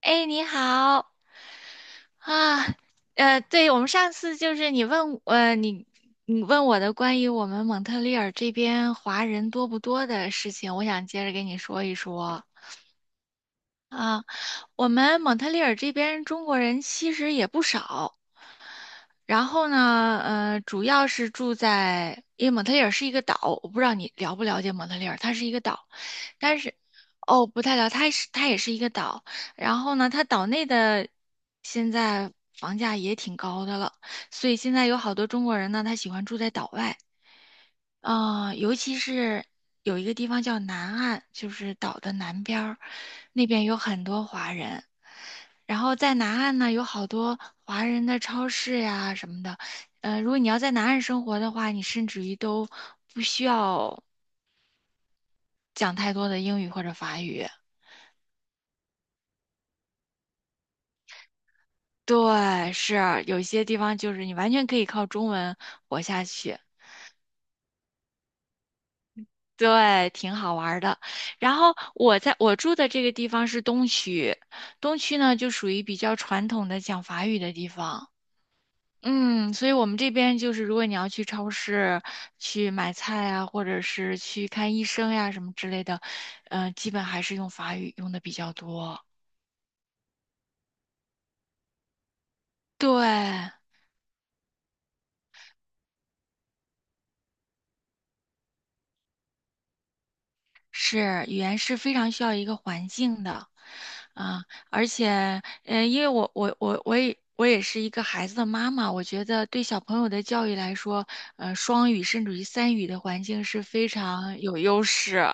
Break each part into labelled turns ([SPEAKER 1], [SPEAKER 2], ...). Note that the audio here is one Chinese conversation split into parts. [SPEAKER 1] 哎，你好啊。对，我们上次就是你问我的关于我们蒙特利尔这边华人多不多的事情，我想接着跟你说一说啊。我们蒙特利尔这边中国人其实也不少。然后呢，主要是住在，因为蒙特利尔是一个岛，我不知道你了不了解蒙特利尔，它是一个岛，但是，哦，不太了，它也是一个岛。然后呢，它岛内的现在房价也挺高的了，所以现在有好多中国人呢，他喜欢住在岛外。尤其是有一个地方叫南岸，就是岛的南边儿，那边有很多华人。然后在南岸呢，有好多华人的超市呀什么的。如果你要在南岸生活的话，你甚至于都不需要讲太多的英语或者法语。对，是有些地方就是你完全可以靠中文活下去。对，挺好玩儿的。然后我住的这个地方是东区，东区呢就属于比较传统的讲法语的地方。所以我们这边就是，如果你要去超市去买菜啊，或者是去看医生呀、什么之类的，基本还是用法语用的比较多。对，是语言是非常需要一个环境的。啊，而且，因为我也是一个孩子的妈妈，我觉得对小朋友的教育来说，双语甚至于三语的环境是非常有优势。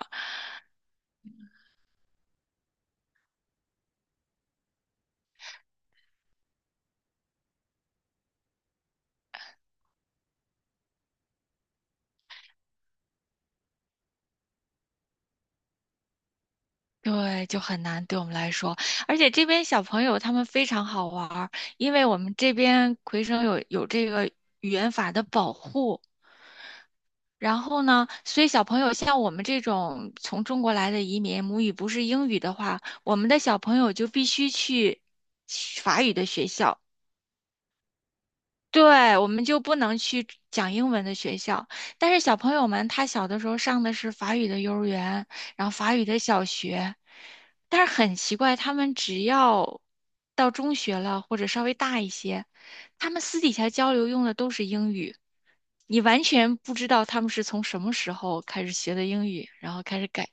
[SPEAKER 1] 对，就很难对我们来说。而且这边小朋友他们非常好玩儿，因为我们这边魁省有这个语言法的保护。然后呢，所以小朋友像我们这种从中国来的移民，母语不是英语的话，我们的小朋友就必须去法语的学校。对，我们就不能去讲英文的学校，但是小朋友们他小的时候上的是法语的幼儿园，然后法语的小学。但是很奇怪，他们只要到中学了或者稍微大一些，他们私底下交流用的都是英语。你完全不知道他们是从什么时候开始学的英语，然后开始改。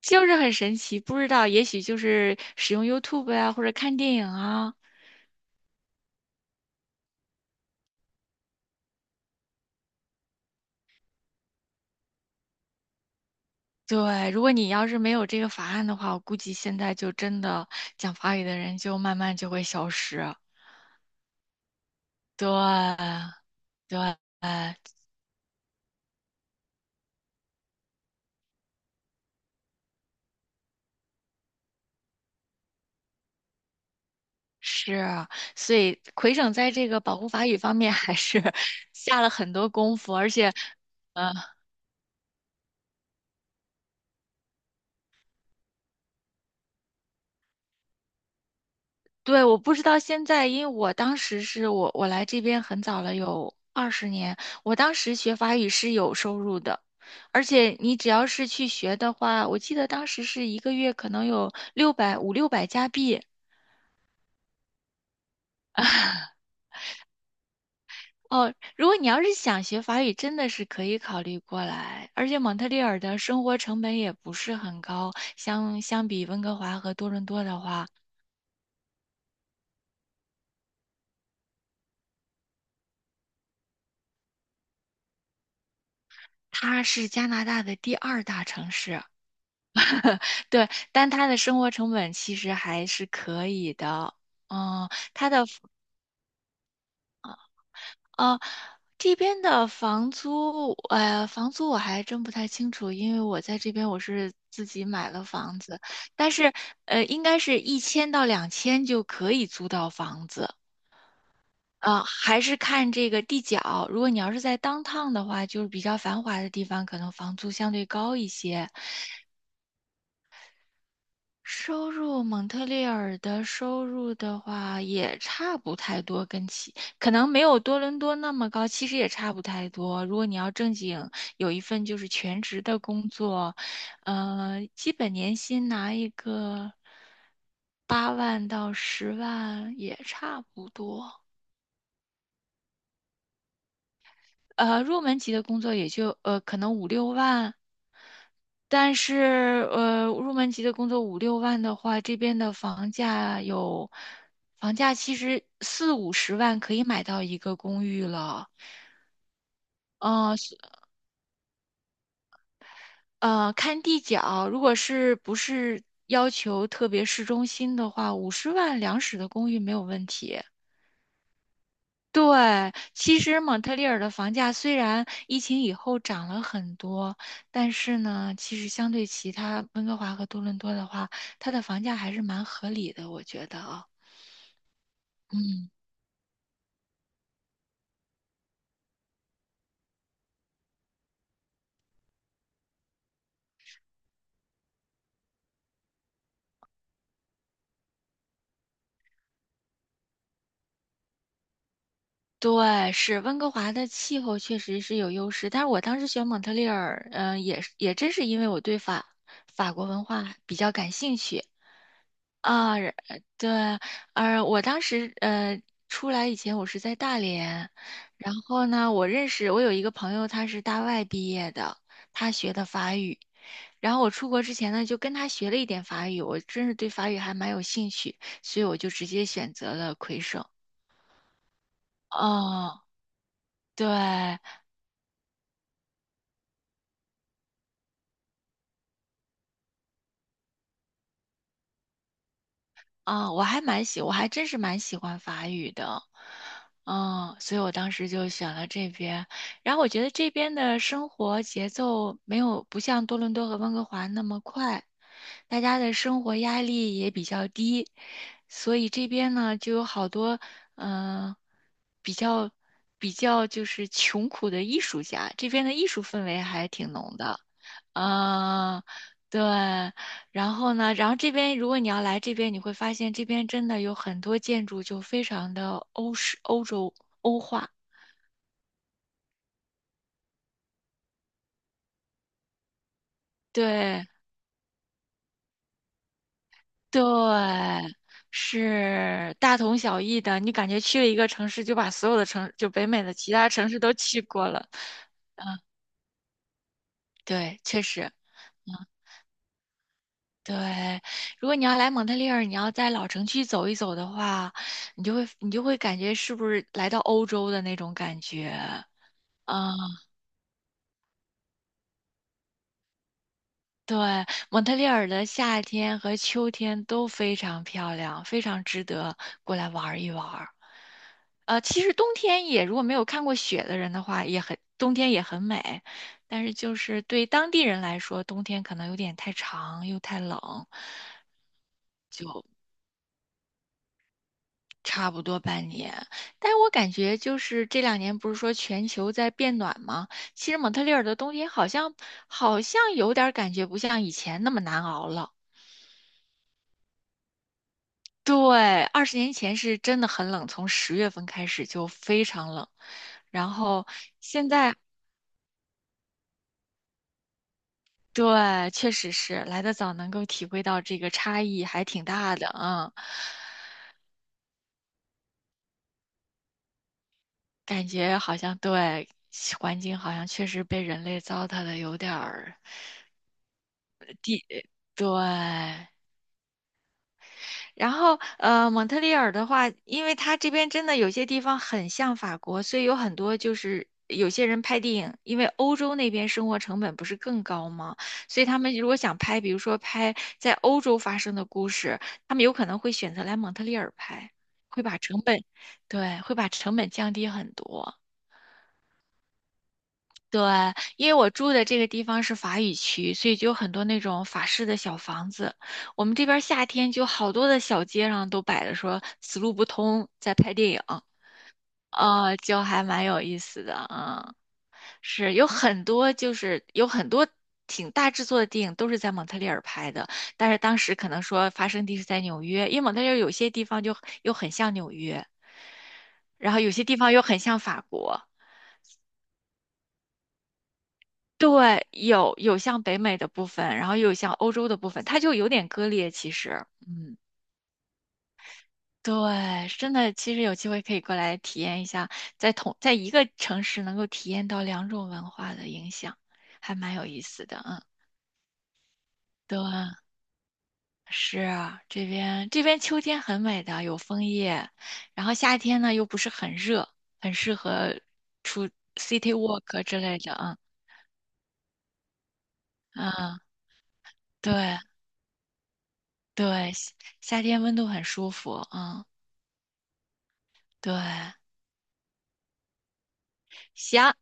[SPEAKER 1] 就是很神奇，不知道，也许就是使用 YouTube 啊，或者看电影啊。对，如果你要是没有这个法案的话，我估计现在就真的讲法语的人就慢慢就会消失。对，对，是，所以魁省在这个保护法语方面还是 下了很多功夫，而且。呃对，我不知道现在，因为我当时是我我来这边很早了，有二十年。我当时学法语是有收入的，而且你只要是去学的话，我记得当时是一个月可能有六百五六百加币。哦，如果你要是想学法语，真的是可以考虑过来。而且蒙特利尔的生活成本也不是很高，相比温哥华和多伦多的话，它是加拿大的第二大城市。对，但他的生活成本其实还是可以的。嗯，他的呃这边的房租，房租我还真不太清楚，因为我在这边我是自己买了房子。但是应该是一千到两千就可以租到房子。啊、还是看这个地角。如果你要是在 downtown 的话，就是比较繁华的地方，可能房租相对高一些。收入，蒙特利尔的收入的话也差不太多，可能没有多伦多那么高，其实也差不太多。如果你要正经有一份就是全职的工作，基本年薪拿一个8万到10万也差不多。入门级的工作也就可能五六万。但是，入门级的工作五六万的话，这边的房价有，房价其实四五十万可以买到一个公寓了。嗯，是。看地脚，如果是不是要求特别市中心的话，五十万两室的公寓没有问题。对，其实蒙特利尔的房价虽然疫情以后涨了很多，但是呢，其实相对其他温哥华和多伦多的话，它的房价还是蛮合理的，我觉得啊。嗯，对，是温哥华的气候确实是有优势，但是我当时选蒙特利尔，也真是因为我对法国文化比较感兴趣。啊，然对，我当时出来以前我是在大连。然后呢，我认识我有一个朋友，他是大外毕业的，他学的法语。然后我出国之前呢，就跟他学了一点法语，我真是对法语还蛮有兴趣，所以我就直接选择了魁省。哦，对。我还真是蛮喜欢法语的。嗯，所以我当时就选了这边。然后我觉得这边的生活节奏没有不像多伦多和温哥华那么快，大家的生活压力也比较低，所以这边呢就有好多嗯、呃比较比较就是穷苦的艺术家，这边的艺术氛围还挺浓的。嗯、对。然后呢，然后这边如果你要来这边，你会发现这边真的有很多建筑就非常的欧式、欧洲、欧化。对对，是大同小异的。你感觉去了一个城市，就北美的其他城市都去过了。对，确实。嗯，对。如果你要来蒙特利尔，你要在老城区走一走的话，你就会感觉是不是来到欧洲的那种感觉。嗯对，蒙特利尔的夏天和秋天都非常漂亮，非常值得过来玩儿一玩儿。其实冬天也，如果没有看过雪的人的话，也很，冬天也很美。但是就是对当地人来说，冬天可能有点太长又太冷，差不多半年。但是我感觉就是这两年不是说全球在变暖吗？其实蒙特利尔的冬天好像有点儿感觉不像以前那么难熬了。对，20年前是真的很冷，从10月份开始就非常冷。然后现在，对，确实是来的早，能够体会到这个差异还挺大的。嗯，感觉好像对，环境好像确实被人类糟蹋的有点儿。对，然后，蒙特利尔的话，因为它这边真的有些地方很像法国，所以有很多就是有些人拍电影，因为欧洲那边生活成本不是更高吗？所以他们如果想拍，比如说拍在欧洲发生的故事，他们有可能会选择来蒙特利尔拍，会把成本，对，会把成本降低很多。对，因为我住的这个地方是法语区，所以就有很多那种法式的小房子。我们这边儿夏天就好多的小街上都摆着说“死路不通”在拍电影，就还蛮有意思的。嗯，是有很多挺大制作的电影都是在蒙特利尔拍的，但是当时可能说发生地是在纽约，因为蒙特利尔有些地方就又很像纽约，然后有些地方又很像法国。对，有像北美的部分，然后又有像欧洲的部分，它就有点割裂。其实，嗯，对，真的，其实有机会可以过来体验一下，在一个城市能够体验到两种文化的影响，还蛮有意思的。嗯，对，是啊这边秋天很美的，有枫叶，然后夏天呢又不是很热，很适合出 city walk 之类的。嗯嗯，对对，夏天温度很舒服。嗯。对，行，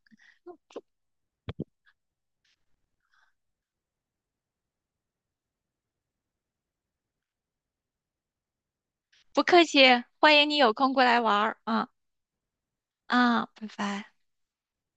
[SPEAKER 1] 不客气，欢迎你有空过来玩儿啊啊，拜拜。